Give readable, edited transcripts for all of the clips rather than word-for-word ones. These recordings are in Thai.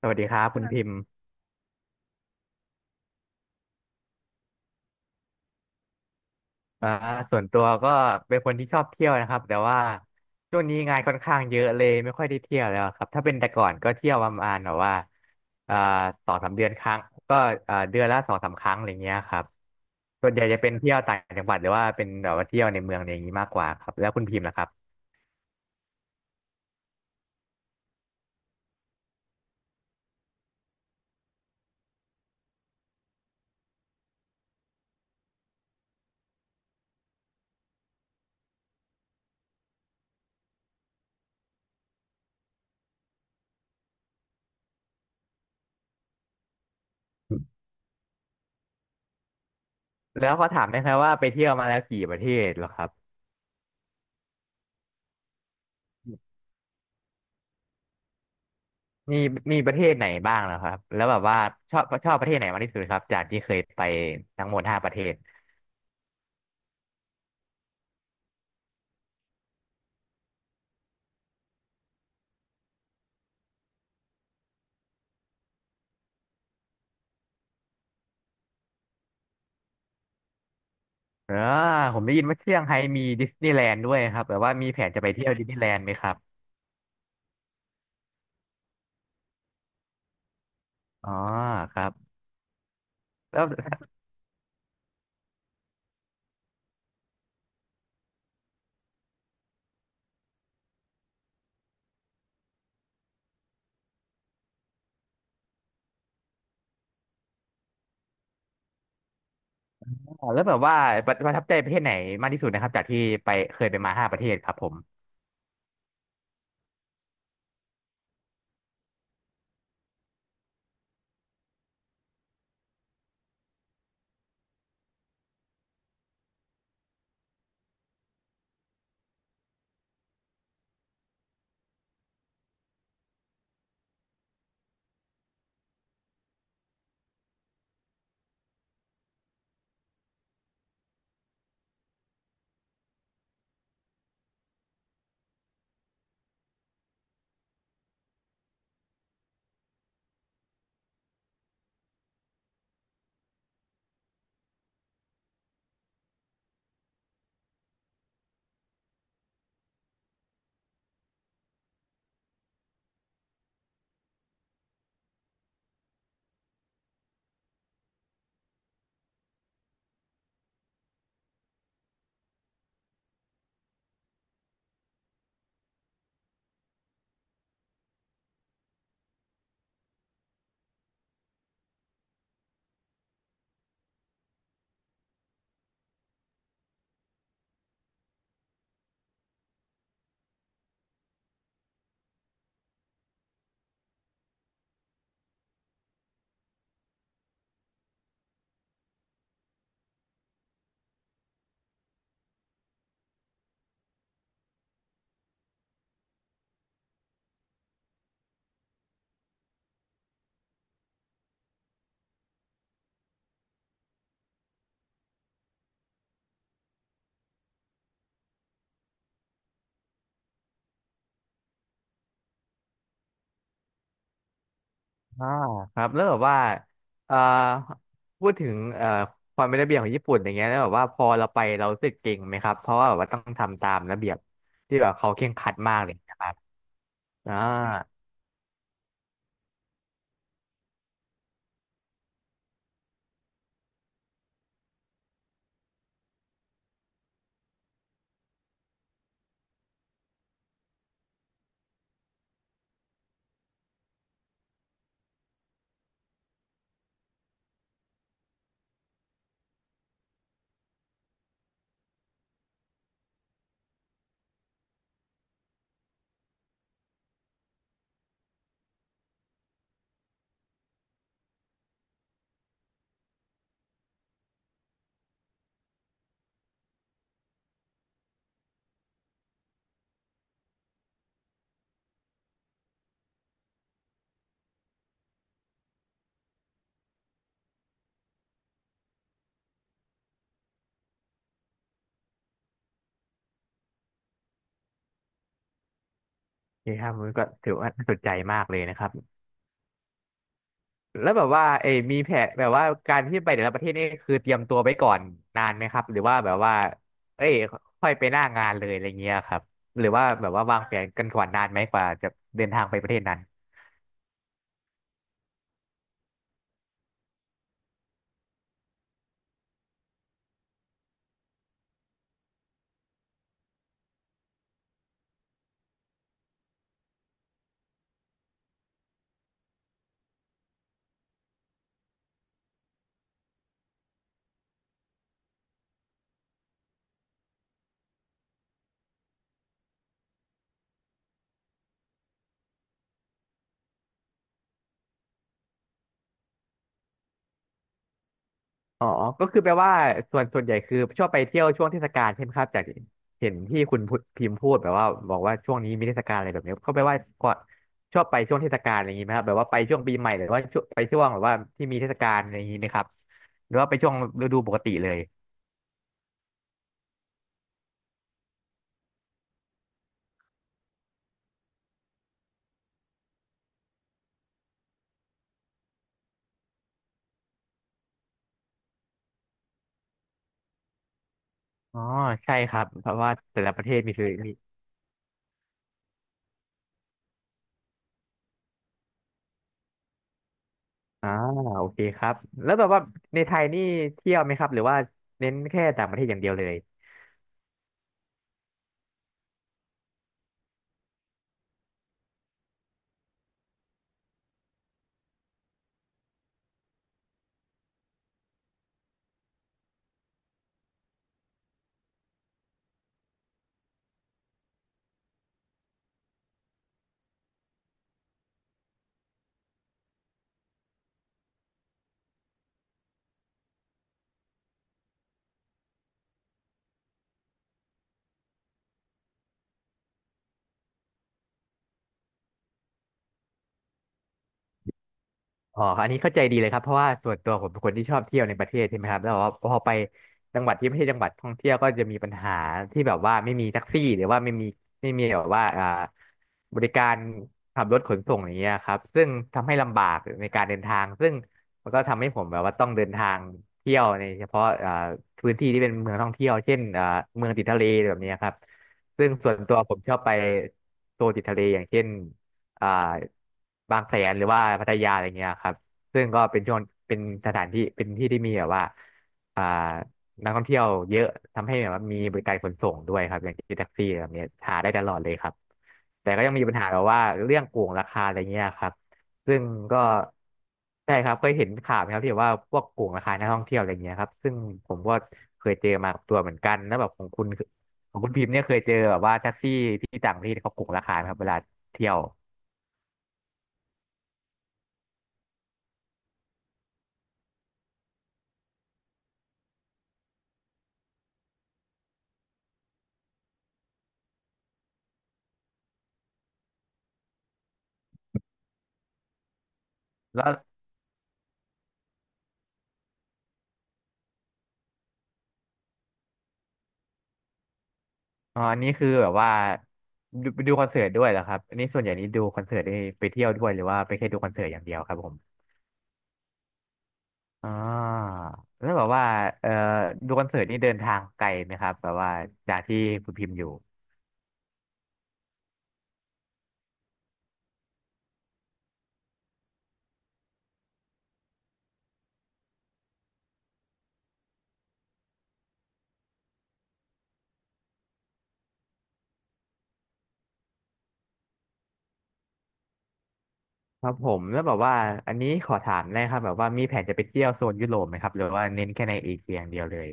สวัสดีครับคุณพิมพ์อ่าส่วนตัวก็เป็นคนที่ชอบเที่ยวนะครับแต่ว่าช่วงนี้งานค่อนข้างเยอะเลยไม่ค่อยได้เที่ยวแล้วครับถ้าเป็นแต่ก่อนก็เที่ยวประมาณแบบว่าอ่าสองสามเดือนครั้งก็เดือนละสองสามครั้งอะไรเงี้ยครับส่วนใหญ่จะเป็นเที่ยวต่างจังหวัดหรือว่าเป็นแบบว่าเที่ยวในเมืองอะไรอย่างนี้มากกว่าครับแล้วคุณพิมพ์ล่ะครับแล้วขอถามได้ไหมว่าไปเที่ยวมาแล้วกี่ประเทศเหรอครับมีมีประเทศไหนบ้างเหรอครับแล้วแบบว่าชอบประเทศไหนมากที่สุดครับจากที่เคยไปทั้งหมดห้าประเทศ เออผมได้ยินว่าเชียงไฮ้มีดิสนีย์แลนด์ด้วยครับแบบว่ามีแผนจะไปเที่ยวดิสนีย์แลนด์ไหมครับอ๋อครับแล้วแล้วแบบว่าประทับใจประเทศไหนมากที่สุดนะครับจากที่ไปเคยไปมาห้าประเทศครับผมอ่าครับแล้วแบบว่าเอ่อพูดถึงความเป็นระเบียบของญี่ปุ่นอย่างเงี้ยแล้วแบบว่าพอเราไปเรารู้สึกเก่งไหมครับเพราะว่าแบบว่าต้องทำตามระเบียบที่แบบเขาเคร่งครัดมากเลยนะครับอ่าโอเคครับมันก็ถือว่าน่าสนใจมากเลยนะครับ แล้วแบบว่าเอยมีแผนแบบว่าการที่ไปแต่ละประเทศนี่คือเตรียมตัวไว้ก่อนนานไหมครับหรือว่าแบบว่าเอ้ยค่อยไปหน้างานเลยอะไรเงี้ยครับหรือว่าแบบว่าวางแผนกันก่อนนานไหมกว่าจะเดินทางไปประเทศนั้นอ๋อก็คือแปลว่าส่วนใหญ่คือชอบไปเที่ยวช่วงเทศกาลใช่ไหมครับจากเห็นที่คุณพุพิมพ์พูดแบบว่าบอกว่าช่วงนี้มีเทศกาลอะไรแบบนี้ก็แปลว่าชอบไปช่วงเทศกาลอะไรอย่างนี้ไหมครับแบบว่าไปช่วงปีใหม่หรือว่าช่วงไปช่วงแบบว่าที่มีเทศกาลอะไรอย่างนี้ไหมครับหรือว่าไปช่วงฤดูปกติเลย อ๋อใช่ครับเพราะว่าแต่ละประเทศมีคือมีอ่าโอเคครับแล้วแบบว่าในไทยนี่เที่ยวไหมครับหรือว่าเน้นแค่ต่างประเทศอย่างเดียวเลย อ๋ออันนี้เข้าใจดีเลยครับเพราะว่าส่วนตัวผมเป็นคนที่ชอบเที่ยวในประเทศใช่ไหมครับแล้วแบบว่าพอไปจังหวัดที่ไม่ใช่จังหวัดท่องเที่ยวก็จะมีปัญหาที่แบบว่าไม่มีแท็กซี่หรือว่าไม่มีแบบว่าบริการขับรถขนส่งอย่างเงี้ยครับซึ่งทำให้ลำบากในการเดินทางซึ่งมันก็ทำให้ผมแบบว่าต้องเดินทางเที่ยวในเฉพาะพื้นที่ที่เป็นเมืองท่องเที่ยวเช่นเมืองติดทะเลแบบเนี้ยครับซึ่งส่วนตัวผมชอบไปโซนติดทะเลอย่างเช่น อ่าบางแสนหรือว่าพัทยาอะไรเงี้ยครับซึ่งก็เป็นช่วงเป็นสถานที่เป็นที่ที่มีแบบว่าอ่านักท่องเที่ยวเยอะทำให้แบบว่ามีบริการขนส่งด้วยครับอย่างที่แท็กซี่แบบเนี้ยหาได้ตลอดเลยครับแต่ก็ยังมีปัญหาแบบว่าเรื่องโกงราคาอะไรเงี้ยครับซึ่งก็ใช่ครับเคยเห็นข่าวไหมครับที่แบบว่าพวกโกงราคานักท่องเที่ยวอะไรเงี้ยครับซึ่งผมก็เคยเจอมากับตัวเหมือนกันแล้วแบบของคุณพิมพ์เนี่ยเคยเจอแบบว่าแท็กซี่ที่ต่างประเทศเขาโกงราคาไหมครับเวลาเที่ยว แล้วอ๋ออันนี้คือแบบว่าดูไปดูคอนเสิร์ตด้วยเหรอครับอันนี้ส่วนใหญ่นี้ดูคอนเสิร์ตได้ไปเที่ยวด้วยหรือว่าไปแค่ดูคอนเสิร์ตอย่างเดียวครับผมอ่าแล้วแบบว่าเอ่อดูคอนเสิร์ตนี่เดินทางไกลไหมครับแบบว่าจากที่คุณพิมพ์อยู่ครับผมแล้วแบบว่าอันนี้ขอถามได้ครับแบบว่ามีแผนจะไปเที่ยวโซนยุโรปไหมครับหรือว่าเน้นแค่ในเอเชียอย่างเดียวเลย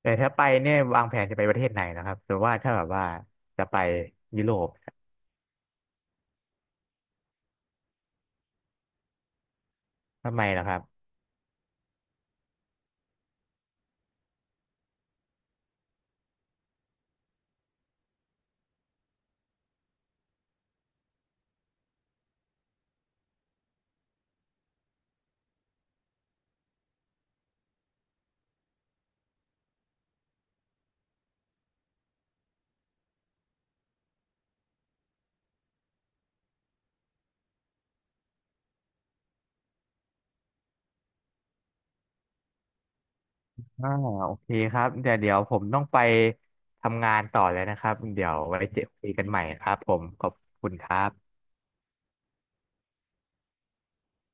แต่ถ้าไปเนี่ยวางแผนจะไปประเทศไหนนะครับหรือว่าถ้าแบบว่าจะไปยุโรปทำไมล่ะครับ อ่าโอเคครับเดี๋ยวเดี๋ยวผมต้องไปทำงานต่อแล้วนะครับ เดี๋ยวไว้เจอคุยกันใหม่ครับผม ขอบคุณครับ